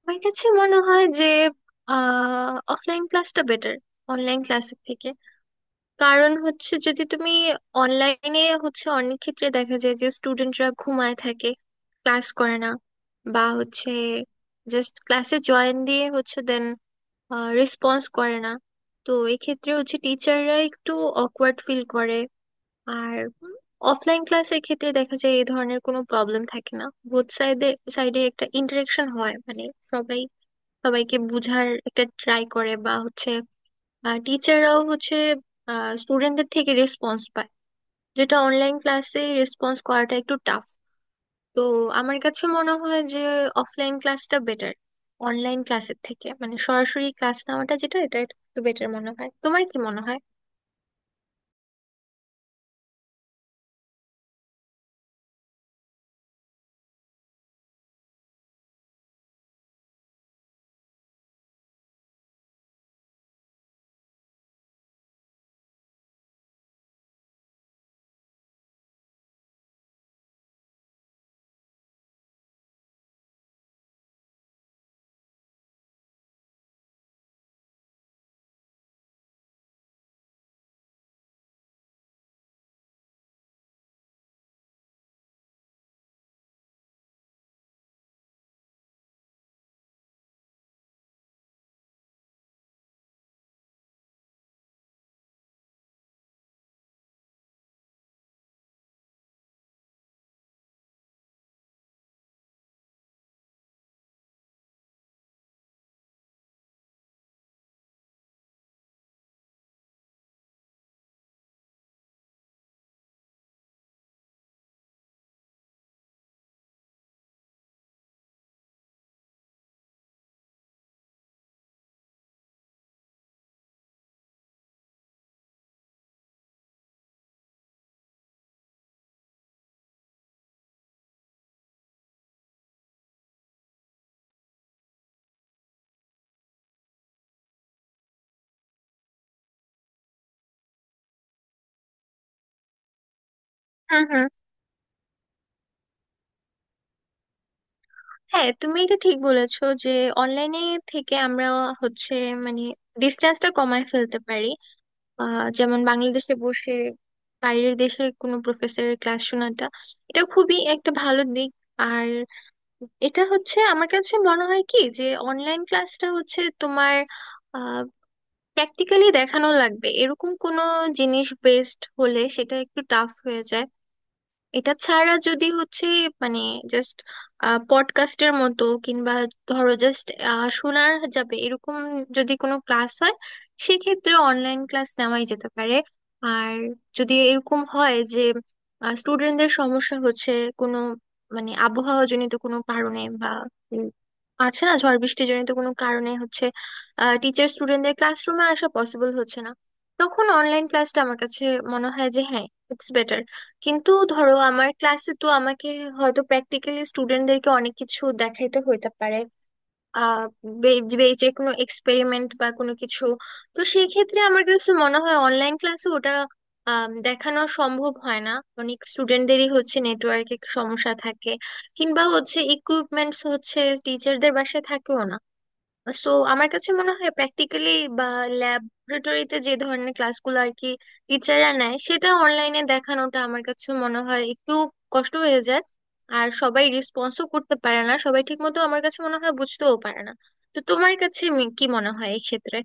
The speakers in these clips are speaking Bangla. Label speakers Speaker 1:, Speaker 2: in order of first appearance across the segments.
Speaker 1: আমার কাছে মনে হয় যে অফলাইন ক্লাসটা বেটার অনলাইন ক্লাসের থেকে। কারণ হচ্ছে, যদি তুমি অনলাইনে হচ্ছে অনেক ক্ষেত্রে দেখা যায় যে স্টুডেন্টরা ঘুমায় থাকে, ক্লাস করে না, বা হচ্ছে জাস্ট ক্লাসে জয়েন দিয়ে হচ্ছে দেন রেসপন্স করে না। তো এক্ষেত্রে হচ্ছে টিচাররা একটু অকওয়ার্ড ফিল করে। আর অফলাইন ক্লাসের ক্ষেত্রে দেখা যায় এই ধরনের কোনো প্রবলেম থাকে না। বোথ সাইডে সাইডে একটা ইন্টারেকশন হয়, মানে সবাই সবাইকে বুঝার একটা ট্রাই করে, বা হচ্ছে টিচাররাও হচ্ছে স্টুডেন্টদের থেকে রেসপন্স পায়, যেটা অনলাইন ক্লাসে রেসপন্স করাটা একটু টাফ। তো আমার কাছে মনে হয় যে অফলাইন ক্লাসটা বেটার অনলাইন ক্লাসের থেকে, মানে সরাসরি ক্লাস নেওয়াটা যেটা, এটা একটু বেটার মনে হয়। তোমার কি মনে হয়? হুম, হুম। হ্যাঁ, তুমি এটা ঠিক বলেছো যে অনলাইনে থেকে আমরা হচ্ছে মানে ডিস্টেন্সটা কমায় ফেলতে পারি। আহ, যেমন বাংলাদেশে বসে বাইরের দেশে কোনো প্রফেসরের ক্লাস শোনাটা, এটা খুবই একটা ভালো দিক। আর এটা হচ্ছে আমার কাছে মনে হয় কি, যে অনলাইন ক্লাসটা হচ্ছে তোমার প্র্যাকটিক্যালি দেখানো লাগবে এরকম কোনো জিনিস বেসড হলে সেটা একটু টাফ হয়ে যায়। এটা ছাড়া যদি হচ্ছে মানে জাস্ট পডকাস্টের মতো, কিংবা ধরো জাস্ট শোনার যাবে এরকম যদি কোনো ক্লাস হয়, সেক্ষেত্রে অনলাইন ক্লাস নেওয়াই যেতে পারে। আর যদি এরকম হয় যে স্টুডেন্টদের সমস্যা হচ্ছে কোনো, মানে আবহাওয়া জনিত কোনো কারণে, বা উম, আছে না ঝড় বৃষ্টি জনিত কোনো কারণে হচ্ছে টিচার স্টুডেন্টদের ক্লাসরুমে আসা পসিবল হচ্ছে না, তখন অনলাইন ক্লাসটা আমার কাছে মনে হয় যে হ্যাঁ, ইটস বেটার। কিন্তু ধরো আমার ক্লাসে তো আমাকে হয়তো প্র্যাকটিক্যালি স্টুডেন্টদেরকে অনেক কিছু দেখাইতে হইতে পারে। আহ, বে- বে- যে কোনো এক্সপেরিমেন্ট বা কোনো কিছু। তো সেই ক্ষেত্রে আমার কিছু মনে হয় অনলাইন ক্লাসে ওটা দেখানো সম্ভব হয় না। অনেক স্টুডেন্টদেরই হচ্ছে নেটওয়ার্কে সমস্যা থাকে, কিংবা হচ্ছে ইকুইপমেন্টস হচ্ছে টিচারদের বাসায় থাকেও না। সো আমার কাছে মনে হয় প্র্যাকটিক্যালি বা ল্যাবরেটরিতে যে ধরনের ক্লাসগুলো আর কি টিচাররা নেয়, সেটা অনলাইনে দেখানোটা আমার কাছে মনে হয় একটু কষ্ট হয়ে যায়। আর সবাই রেসপন্সও করতে পারে না, সবাই ঠিক মতো আমার কাছে মনে হয় বুঝতেও পারে না। তো তোমার কাছে কি মনে হয় এই ক্ষেত্রে?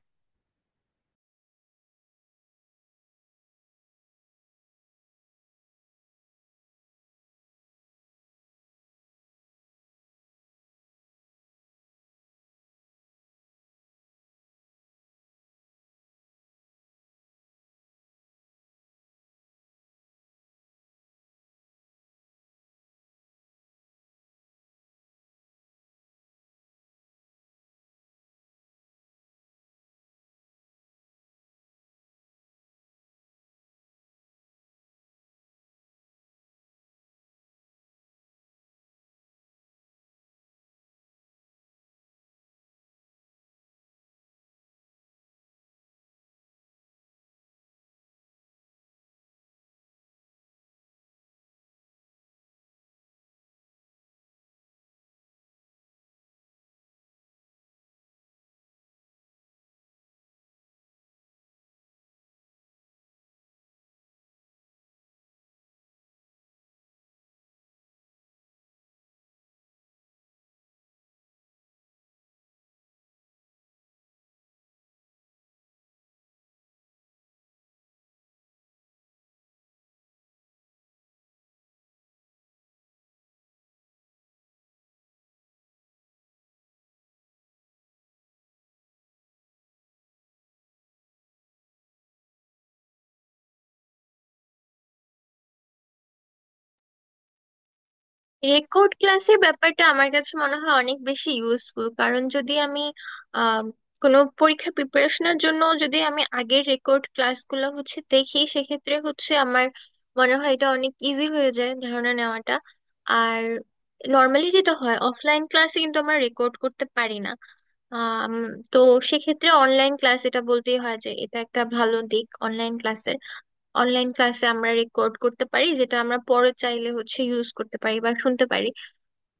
Speaker 1: রেকর্ড ক্লাসের ব্যাপারটা আমার কাছে মনে হয় অনেক বেশি ইউজফুল। কারণ যদি আমি আহ, কোনো পরীক্ষার প্রিপারেশনের জন্য যদি আমি আগের রেকর্ড ক্লাসগুলো হচ্ছে দেখি, সেক্ষেত্রে হচ্ছে আমার মনে হয় এটা অনেক ইজি হয়ে যায় ধারণা নেওয়াটা। আর নর্মালি যেটা হয়, অফলাইন ক্লাসে কিন্তু আমরা রেকর্ড করতে পারি না। আম, তো সেক্ষেত্রে অনলাইন ক্লাস, এটা বলতেই হয় যে এটা একটা ভালো দিক অনলাইন ক্লাসের। অনলাইন ক্লাসে আমরা রেকর্ড করতে পারি, যেটা আমরা পরে চাইলে হচ্ছে ইউজ করতে পারি বা শুনতে পারি।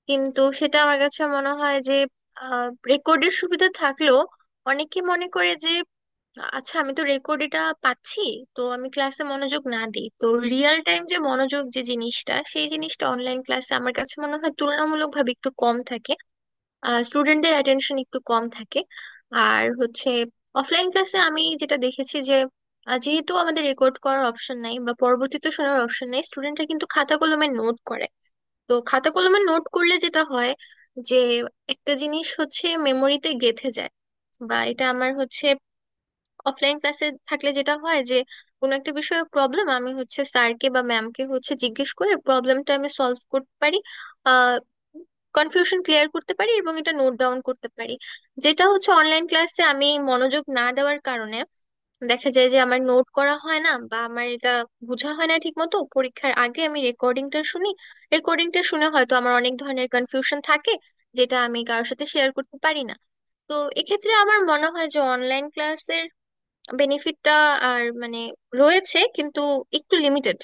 Speaker 1: কিন্তু সেটা আমার কাছে মনে হয় যে রেকর্ডের সুবিধা থাকলেও অনেকে মনে করে যে আচ্ছা, আমি তো রেকর্ড এটা পাচ্ছি, তো আমি ক্লাসে মনোযোগ না দিই। তো রিয়েল টাইম যে মনোযোগ যে জিনিসটা, সেই জিনিসটা অনলাইন ক্লাসে আমার কাছে মনে হয় তুলনামূলকভাবে একটু কম থাকে। স্টুডেন্টদের অ্যাটেনশন একটু কম থাকে। আর হচ্ছে অফলাইন ক্লাসে আমি যেটা দেখেছি যে যেহেতু আমাদের রেকর্ড করার অপশন নাই বা পরবর্তীতে শোনার অপশন নাই, স্টুডেন্টরা কিন্তু খাতা কলমে নোট করে। তো খাতা কলমে নোট করলে যেটা হয় যে একটা জিনিস হচ্ছে মেমোরিতে গেঁথে যায়। বা এটা আমার হচ্ছে অফলাইন ক্লাসে থাকলে যেটা হয় যে কোনো একটা বিষয়ে প্রবলেম আমি হচ্ছে স্যারকে বা ম্যামকে হচ্ছে জিজ্ঞেস করে প্রবলেমটা আমি সলভ করতে পারি। আহ, কনফিউশন ক্লিয়ার করতে পারি এবং এটা নোট ডাউন করতে পারি। যেটা হচ্ছে অনলাইন ক্লাসে আমি মনোযোগ না দেওয়ার কারণে দেখা যায় যে আমার নোট করা হয় না, বা আমার এটা বোঝা হয় না ঠিক মতো। পরীক্ষার আগে আমি রেকর্ডিংটা শুনি, রেকর্ডিংটা শুনে হয়তো আমার অনেক ধরনের কনফিউশন থাকে, যেটা আমি কারোর সাথে শেয়ার করতে পারি না। তো এক্ষেত্রে আমার মনে হয় যে অনলাইন ক্লাসের বেনিফিটটা আর মানে রয়েছে কিন্তু একটু লিমিটেড।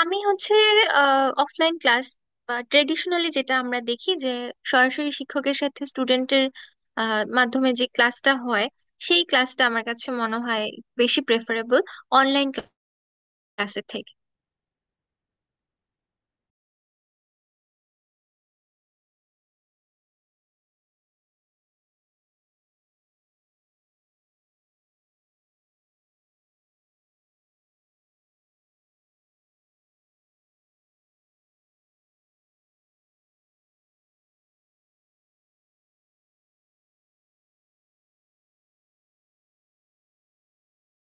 Speaker 1: আমি হচ্ছে অফলাইন ক্লাস, বা ট্রেডিশনালি যেটা আমরা দেখি যে সরাসরি শিক্ষকের সাথে স্টুডেন্টের মাধ্যমে যে ক্লাসটা হয়, সেই ক্লাসটা আমার কাছে মনে হয় বেশি প্রেফারেবল অনলাইন ক্লাসের থেকে।